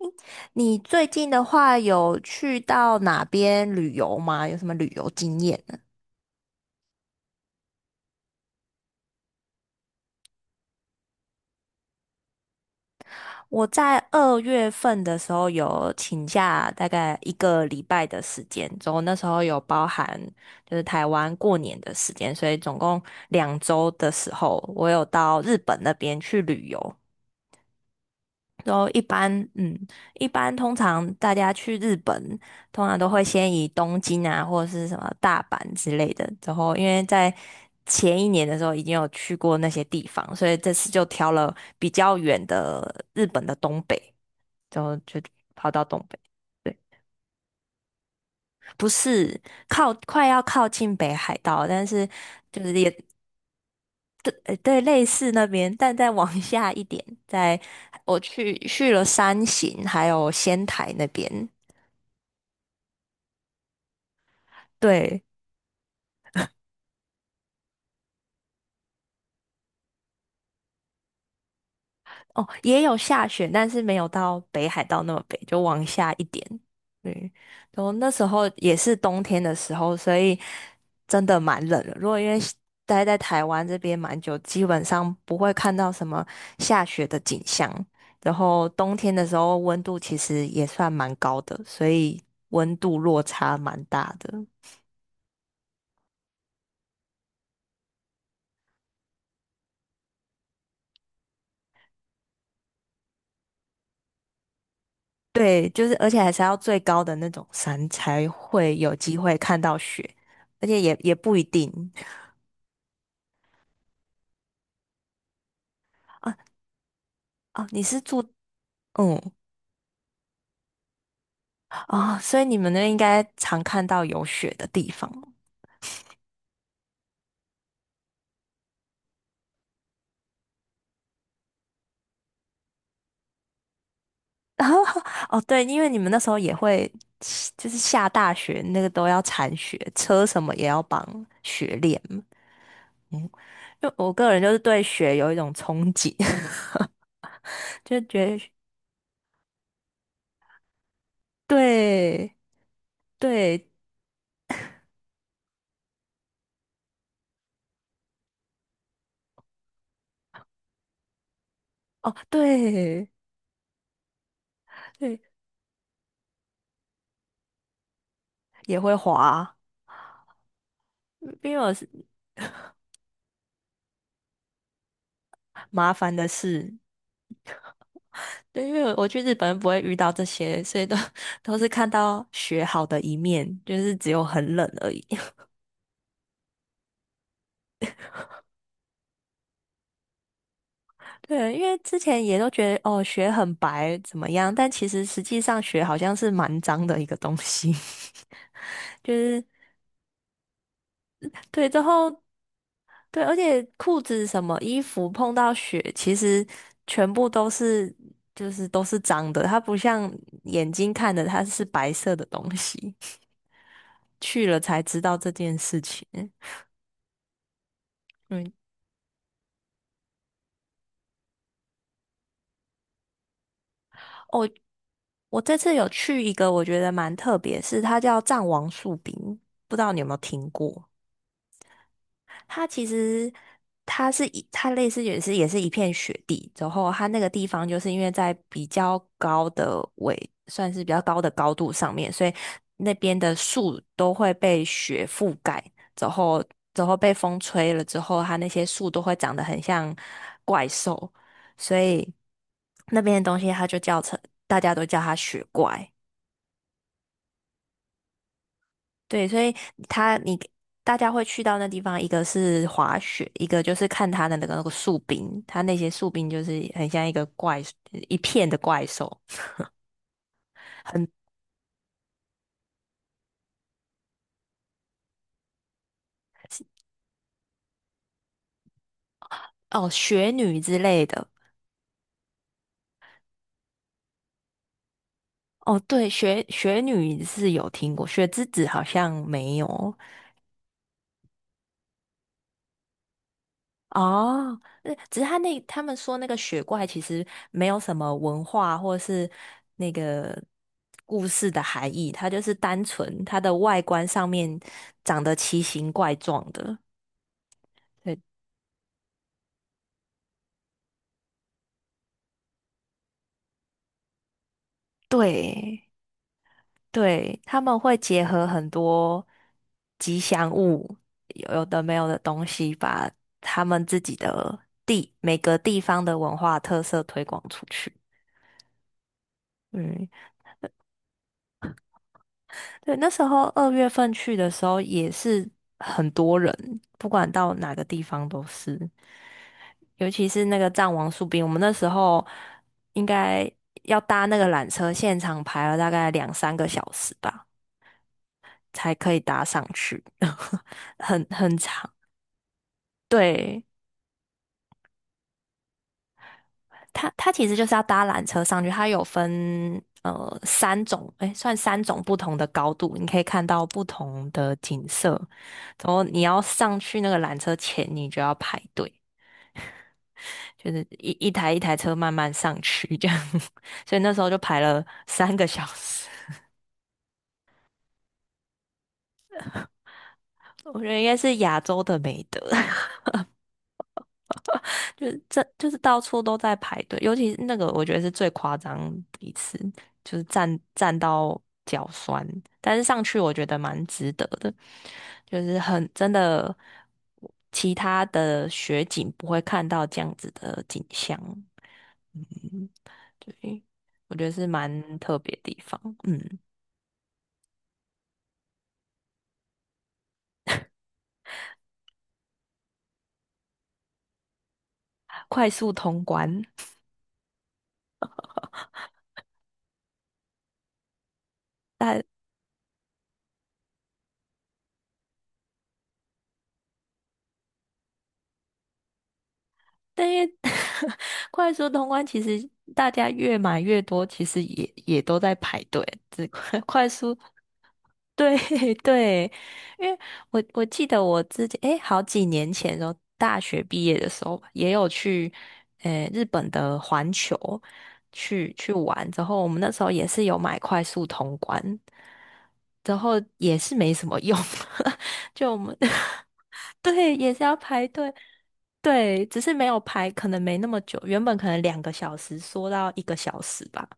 你最近的话有去到哪边旅游吗？有什么旅游经验呢。我在二月份的时候有请假，大概一个礼拜的时间，然后那时候有包含就是台湾过年的时间，所以总共2周的时候，我有到日本那边去旅游。然后一般通常大家去日本，通常都会先以东京啊，或者是什么大阪之类的。然后因为在前一年的时候已经有去过那些地方，所以这次就挑了比较远的日本的东北，然后就跑到东北。对，不是靠快要靠近北海道，但是就是也对对类似那边，但再往下一点，在我去了山形还有仙台那边。对。哦，也有下雪，但是没有到北海道那么北，就往下一点。对，然后那时候也是冬天的时候，所以真的蛮冷的。如果因为待在台湾这边蛮久，基本上不会看到什么下雪的景象。然后冬天的时候，温度其实也算蛮高的，所以温度落差蛮大的。对，就是而且还是要最高的那种山才会有机会看到雪，而且也不一定。啊。哦，你是住。嗯。哦，所以你们那边应该常看到有雪的地方。然后哦，对，因为你们那时候也会，就是下大雪那个都要铲雪，车什么也要绑雪链嘛。就我个人就是对雪有一种憧憬。就觉得对对。哦。对对，也会滑。因为我是麻烦的事。对，因为我去日本不会遇到这些，所以都 都是看到雪好的一面，就是只有很冷而已。对，因为之前也都觉得哦，雪很白怎么样，但其实实际上雪好像是蛮脏的一个东西。就是对。之后对，而且裤子什么衣服碰到雪，其实全部都是，就是都是脏的，它不像眼睛看的它是白色的东西。去了才知道这件事情。嗯。哦，我这次有去一个我觉得蛮特别，是它叫藏王树饼，不知道你有没有听过？它其实它类似也是一片雪地，然后它那个地方就是因为在比较高的纬，算是比较高的高度上面，所以那边的树都会被雪覆盖，然后然后被风吹了之后，它那些树都会长得很像怪兽，所以那边的东西它就叫成大家都叫它雪怪。对，所以他你大家会去到那地方，一个是滑雪，一个就是看他的那个树冰，他那些树冰就是很像一片的怪兽。很哦，雪女之类的。哦，对，雪女是有听过，雪之子好像没有。哦，只是他们说那个雪怪其实没有什么文化或是那个故事的含义，它就是单纯它的外观上面长得奇形怪状的。对对，对，他们会结合很多吉祥物，有的没有的东西，把他们自己的每个地方的文化特色推广出去。嗯。对，那时候二月份去的时候也是很多人，不管到哪个地方都是，尤其是那个藏王树冰，我们那时候应该要搭那个缆车，现场排了大概2、3个小时吧，才可以搭上去，很长。对，它其实就是要搭缆车上去，它有分三种，哎，算三种不同的高度，你可以看到不同的景色。然后你要上去那个缆车前，你就要排队，就是一台一台车慢慢上去这样。所以那时候就排了3个小时。我觉得应该是亚洲的美德。就是这就是到处都在排队，尤其是那个我觉得是最夸张一次，就是站到脚酸，但是上去我觉得蛮值得的，就是很真的，其他的雪景不会看到这样子的景象。嗯，对，我觉得是蛮特别的地方。嗯，快速通关，但但因为 快速通关其实大家越买越多，其实也都在排队。这快 快速对 对，因为我记得我自己好几年前的时候，大学毕业的时候吧也有去日本的环球去玩，之后我们那时候也是有买快速通关，然后也是没什么用。就我们 对，也是要排队。对，只是没有排，可能没那么久，原本可能2个小时缩到1个小时吧。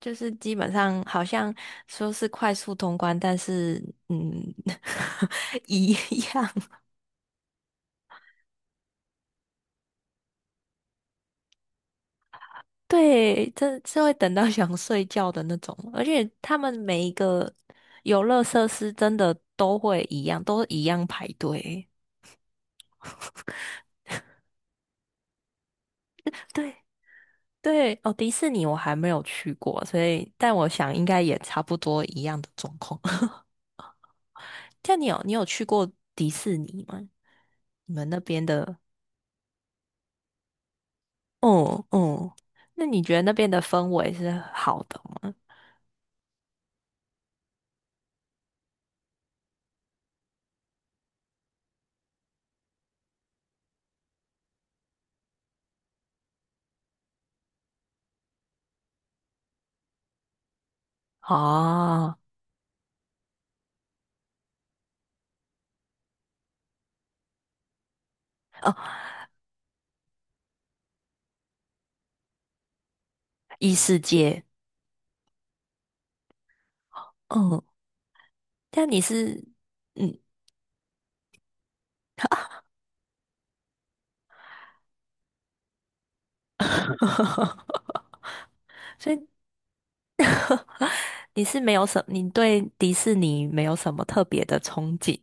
就是基本上好像说是快速通关，但是嗯，一样。对，这是会等到想睡觉的那种，而且他们每一个游乐设施真的都会一样，都一样排队。对对，哦，迪士尼我还没有去过，所以但我想应该也差不多一样的状况。像你有去过迪士尼吗？你们那边的？哦哦，那你觉得那边的氛围是好的吗？哦，异世界。嗯，但你是。嗯。所以你对迪士尼没有什么特别的憧憬。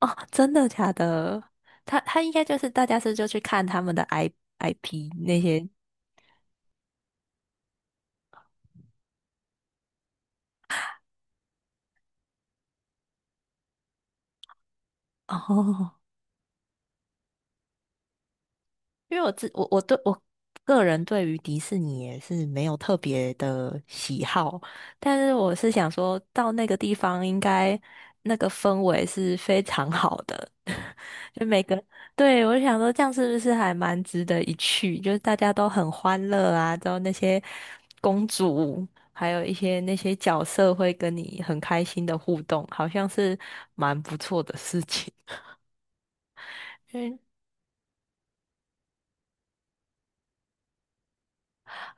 哦？真的假的？他应该就是大家是就去看他们的 IP 那些。哦，因为我自我我对我个人对于迪士尼也是没有特别的喜好，但是我是想说到那个地方应该那个氛围是非常好的。就每个，对，我就想说这样是不是还蛮值得一去？就是大家都很欢乐啊，之后那些公主还有一些那些角色会跟你很开心的互动，好像是蛮不错的事情。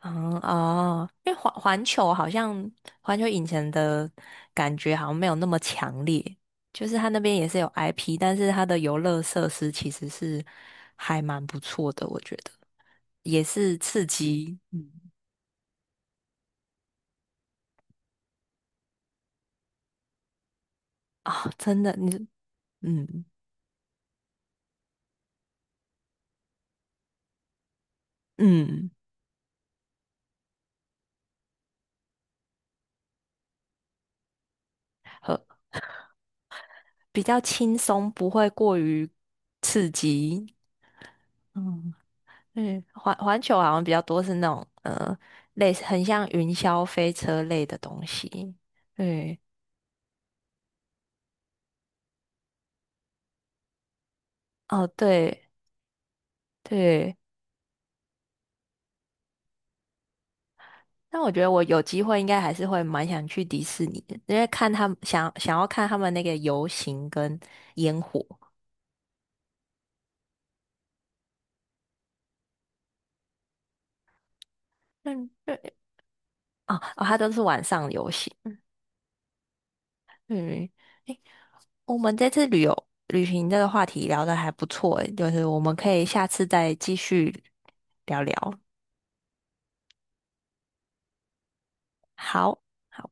嗯。哦，因为环球好像环球影城的感觉好像没有那么强烈，就是它那边也是有 IP，但是它的游乐设施其实是还蛮不错的，我觉得也是刺激。嗯啊、真的，你。嗯嗯，和比较轻松，不会过于刺激。嗯嗯，环球好像比较多是那种类似很像云霄飞车类的东西。对，哦，对对，那我觉得我有机会应该还是会蛮想去迪士尼的，因为看他们想要看他们那个游行跟烟火。嗯，对，哦哦，它都是晚上游行。嗯，诶，我们这次旅行这个话题聊得还不错。诶，就是我们可以下次再继续聊聊。好，好。